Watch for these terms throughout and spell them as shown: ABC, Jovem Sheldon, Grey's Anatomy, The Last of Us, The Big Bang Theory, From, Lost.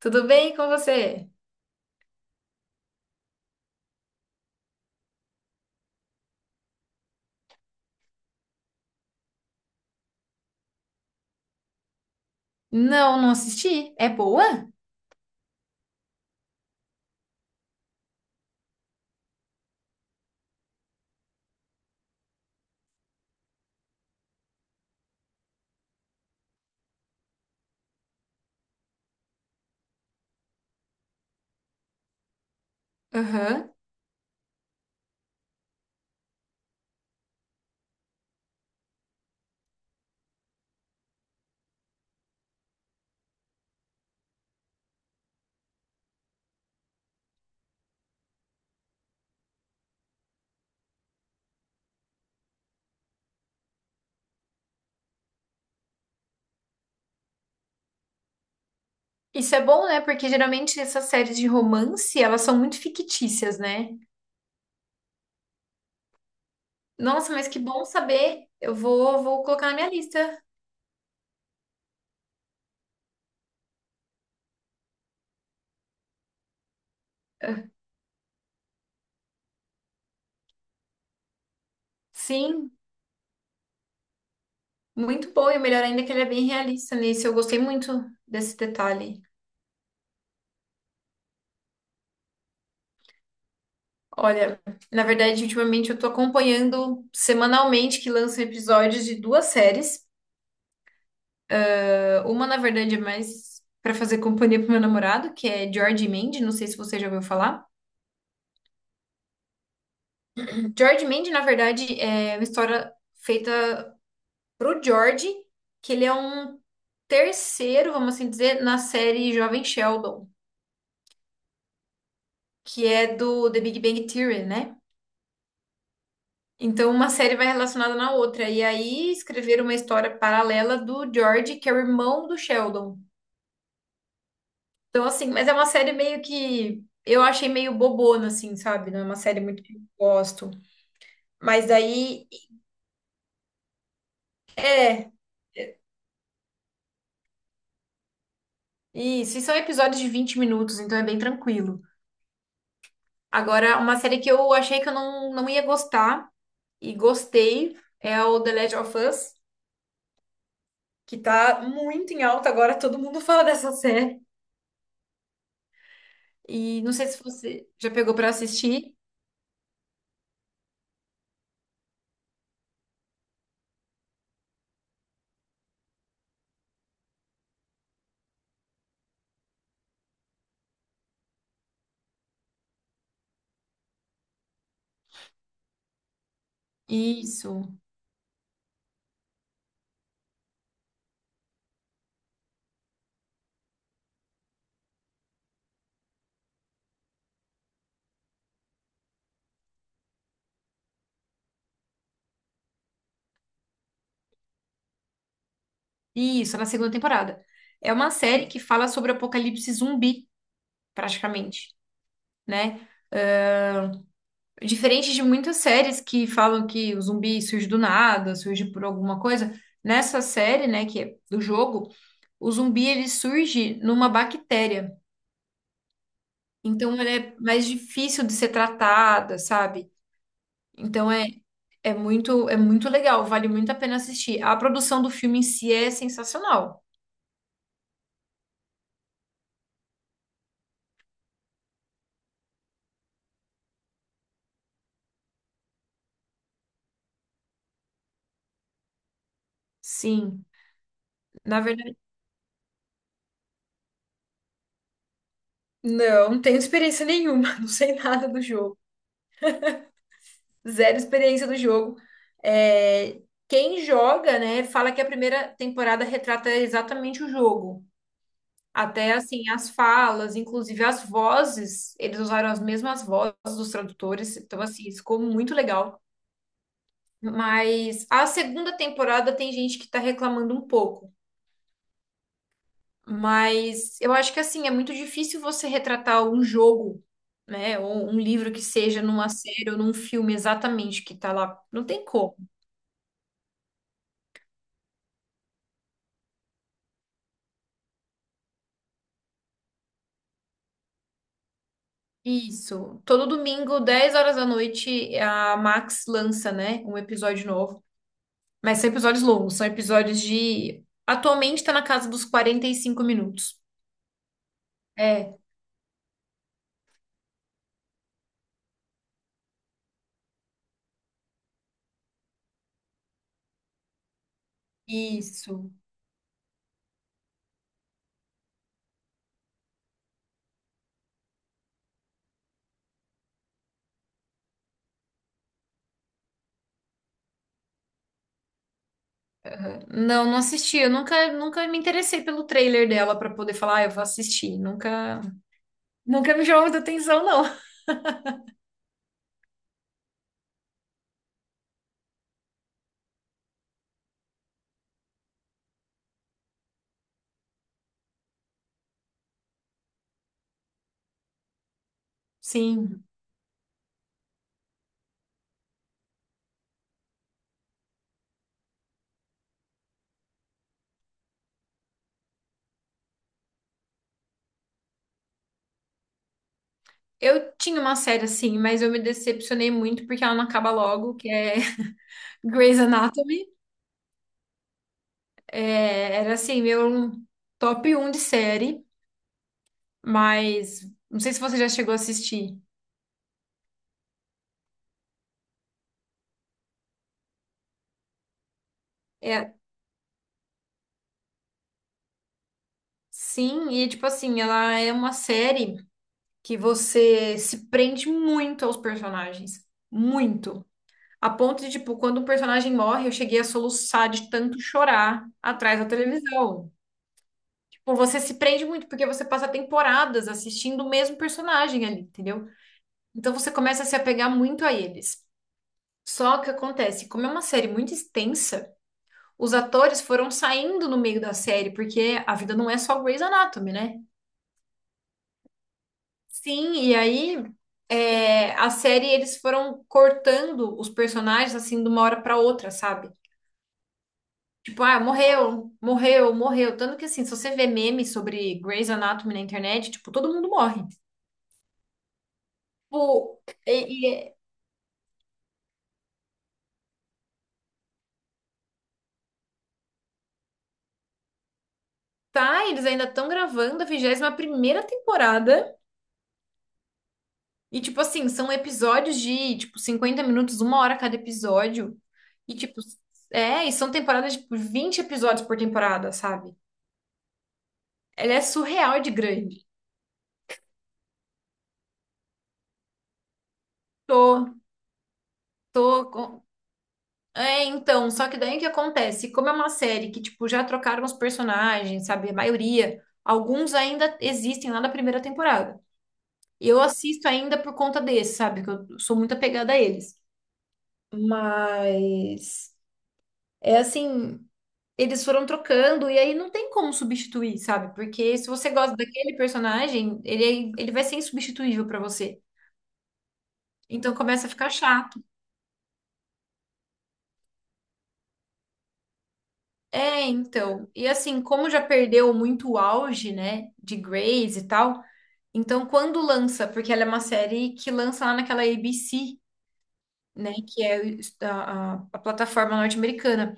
Tudo bem com você? Não, não assisti. É boa? Aham. Isso é bom, né? Porque geralmente essas séries de romance, elas são muito fictícias, né? Nossa, mas que bom saber. Eu vou colocar na minha lista. Sim, muito bom. E o melhor ainda é que ele é bem realista nisso. Eu gostei muito desse detalhe. Olha, na verdade, ultimamente eu tô acompanhando semanalmente que lançam episódios de duas séries. Ah, uma, na verdade, é mais pra fazer companhia pro meu namorado, que é George e Mandy. Não sei se você já ouviu falar. George Mandy, na verdade, é uma história feita pro George, que ele é um terceiro, vamos assim dizer, na série Jovem Sheldon, que é do The Big Bang Theory, né? Então, uma série vai relacionada na outra. E aí, escreveram uma história paralela do George, que é o irmão do Sheldon. Então, assim, mas é uma série meio que... Eu achei meio bobona, assim, sabe? Não é uma série muito que eu gosto. Mas daí, é... Isso, e são episódios de 20 minutos, então é bem tranquilo. Agora, uma série que eu achei que eu não ia gostar e gostei é o The Last of Us, que tá muito em alta agora, todo mundo fala dessa série. E não sei se você já pegou pra assistir. Isso, isso, na segunda temporada. É uma série que fala sobre apocalipse zumbi, praticamente, né? Diferente de muitas séries que falam que o zumbi surge do nada, surge por alguma coisa, nessa série, né, que é do jogo, o zumbi ele surge numa bactéria. Então ela é mais difícil de ser tratada, sabe? Então é muito legal, vale muito a pena assistir. A produção do filme em si é sensacional. Sim, na verdade. Não, não tenho experiência nenhuma, não sei nada do jogo. Zero experiência do jogo. É, quem joga, né, fala que a primeira temporada retrata exatamente o jogo. Até assim, as falas, inclusive as vozes, eles usaram as mesmas vozes dos tradutores, então assim, isso ficou muito legal. Mas a segunda temporada tem gente que tá reclamando um pouco. Mas eu acho que assim, é muito difícil você retratar um jogo, né? Ou um livro que seja numa série ou num filme exatamente que tá lá. Não tem como. Isso. Todo domingo, 10 horas da noite, a Max lança, né? Um episódio novo. Mas são episódios longos, são episódios de. Atualmente tá na casa dos 45 minutos. É, isso. Não, não assisti. Eu nunca, nunca me interessei pelo trailer dela pra poder falar, ah, eu vou assistir. Nunca, nunca me chamou muita atenção, não. Sim. Eu tinha uma série assim, mas eu me decepcionei muito porque ela não acaba logo, que é Grey's Anatomy. É, era assim, meu top um de série, mas não sei se você já chegou a assistir. É, sim, e tipo assim, ela é uma série que você se prende muito aos personagens. Muito. A ponto de, tipo, quando um personagem morre, eu cheguei a soluçar de tanto chorar atrás da televisão. Tipo, você se prende muito, porque você passa temporadas assistindo o mesmo personagem ali, entendeu? Então você começa a se apegar muito a eles. Só que acontece, como é uma série muito extensa, os atores foram saindo no meio da série, porque a vida não é só Grey's Anatomy, né? Sim, e aí a série eles foram cortando os personagens assim de uma hora pra outra, sabe? Tipo, ah, morreu, morreu, morreu. Tanto que assim, se você vê memes sobre Grey's Anatomy na internet, tipo, todo mundo morre. Tipo, e, e é- tá, eles ainda estão gravando a 21ª temporada. E, tipo assim, são episódios de, tipo, 50 minutos, uma hora cada episódio. E, tipo, e são temporadas de tipo, 20 episódios por temporada, sabe? Ela é surreal de grande. Tô, tô, É, então, só que daí o que acontece? Como é uma série que, tipo, já trocaram os personagens, sabe? A maioria, alguns ainda existem lá da primeira temporada. Eu assisto ainda por conta desse, sabe? Que eu sou muito apegada a eles. Mas é assim, eles foram trocando e aí não tem como substituir, sabe? Porque se você gosta daquele personagem, ele vai ser insubstituível pra você. Então começa a ficar chato. É, então. E assim, como já perdeu muito o auge, né, de Grace e tal, então, quando lança, porque ela é uma série que lança lá naquela ABC, né, que é a plataforma norte-americana.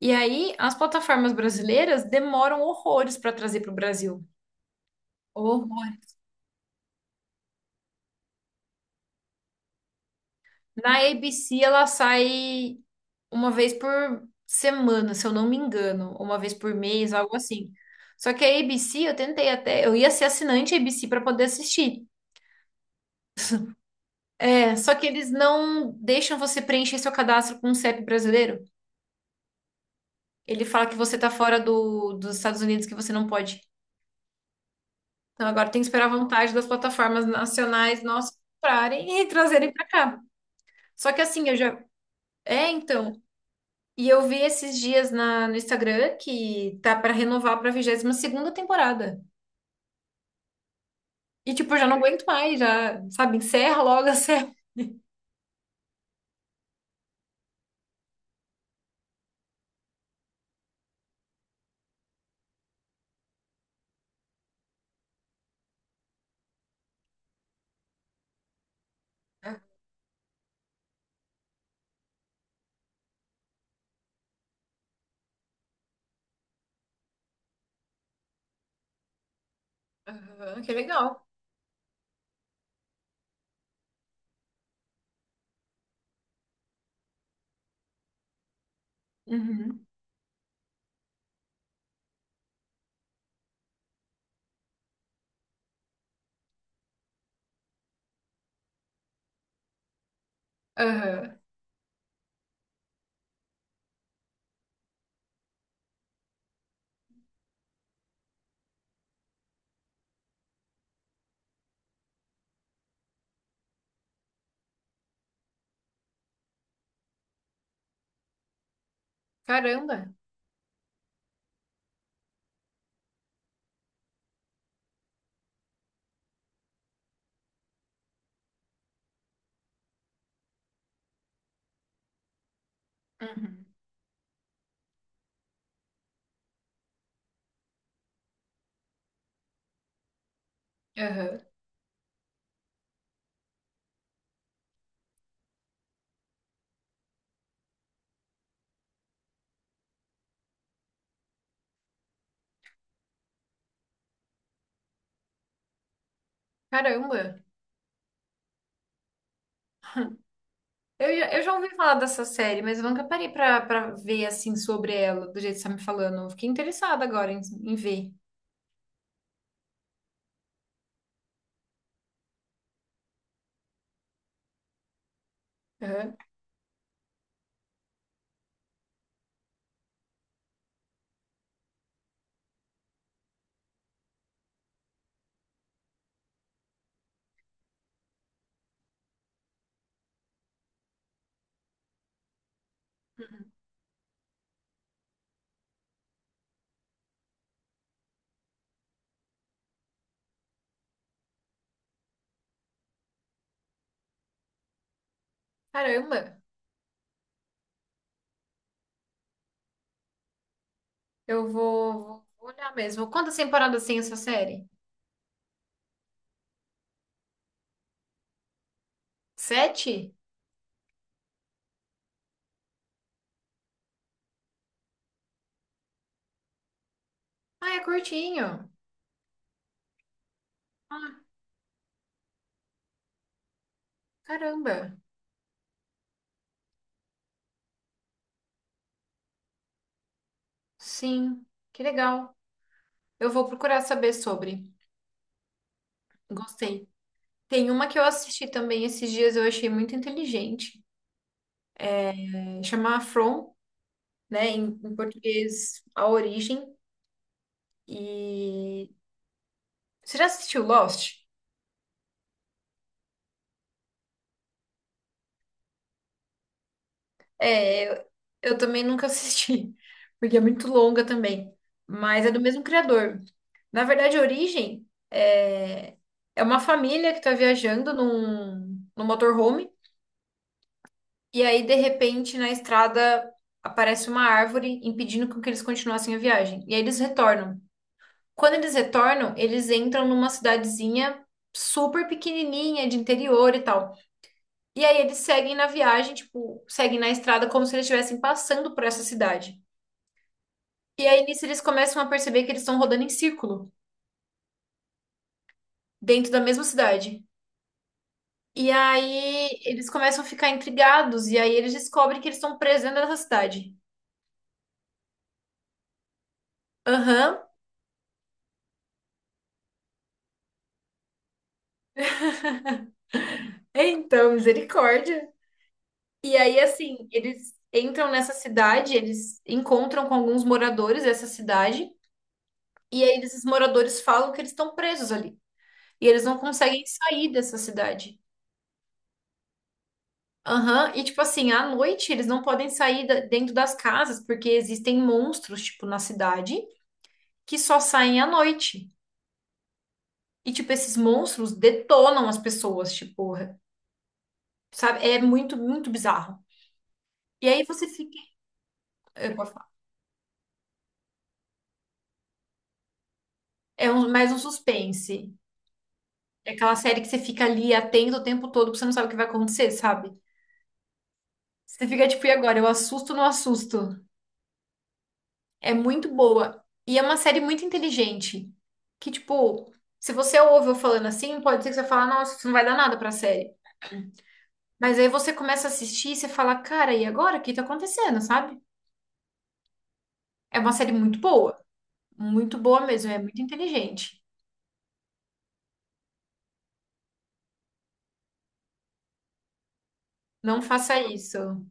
E aí, as plataformas brasileiras demoram horrores para trazer para o Brasil. Horror. Na ABC, ela sai uma vez por semana, se eu não me engano, ou uma vez por mês, algo assim. Só que a ABC, eu tentei até, eu ia ser assinante ABC para poder assistir. É, só que eles não deixam você preencher seu cadastro com o CEP brasileiro. Ele fala que você tá fora dos Estados Unidos, que você não pode. Então agora tem que esperar a vontade das plataformas nacionais nós comprarem e trazerem pra cá. Só que assim, eu já. É, então. E eu vi esses dias no Instagram que tá pra renovar pra 22ª temporada. E tipo, eu já não aguento mais, já, sabe, encerra logo a série. Ah, aham, que legal. Uhum. Aham. Caramba. Uhum. Aham. Caramba. Eu já ouvi falar dessa série, mas eu nunca parei pra ver assim sobre ela, do jeito que você tá me falando. Eu fiquei interessada agora em ver. Aham. Caramba, eu vou olhar mesmo. Quantas temporadas tem essa série? 7? Ah, é curtinho. Ah, caramba. Sim, que legal. Eu vou procurar saber sobre. Gostei. Tem uma que eu assisti também esses dias, eu achei muito inteligente. É, chama From, né? Em português, A Origem. E você já assistiu Lost? É, eu também nunca assisti, porque é muito longa também. Mas é do mesmo criador. Na verdade, a origem é uma família que está viajando num motorhome, e aí, de repente, na estrada aparece uma árvore impedindo com que eles continuassem a viagem. E aí eles retornam. Quando eles retornam, eles entram numa cidadezinha super pequenininha de interior e tal. E aí eles seguem na viagem, tipo, seguem na estrada como se eles estivessem passando por essa cidade. E aí nisso eles começam a perceber que eles estão rodando em círculo, dentro da mesma cidade. E aí eles começam a ficar intrigados, e aí eles descobrem que eles estão presos dentro dessa cidade. Aham, então, misericórdia. E aí, assim, eles entram nessa cidade, eles encontram com alguns moradores dessa cidade, e aí esses moradores falam que eles estão presos ali. E eles não conseguem sair dessa cidade. Aham, e tipo assim, à noite eles não podem sair dentro das casas, porque existem monstros, tipo, na cidade, que só saem à noite. E, tipo, esses monstros detonam as pessoas, tipo, sabe? É muito, muito bizarro. E aí você fica. Eu posso falar. Mais um suspense. É aquela série que você fica ali atento o tempo todo, porque você não sabe o que vai acontecer, sabe? Você fica tipo, e agora? Eu assusto ou não assusto? É muito boa. E é uma série muito inteligente. Que, tipo, se você ouve eu falando assim, pode ser que você fale, nossa, isso não vai dar nada pra série. Mas aí você começa a assistir e você fala, cara, e agora? O que tá acontecendo, sabe? É uma série muito boa. Muito boa mesmo. É muito inteligente. Não faça isso.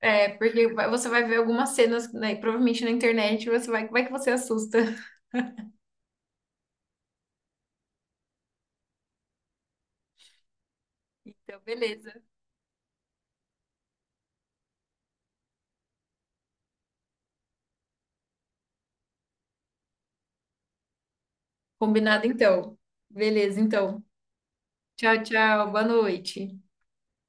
É porque você vai ver algumas cenas, né, provavelmente na internet, você vai, como é que você assusta? Então, beleza. Combinado, então. Beleza, então. Tchau, tchau. Boa noite.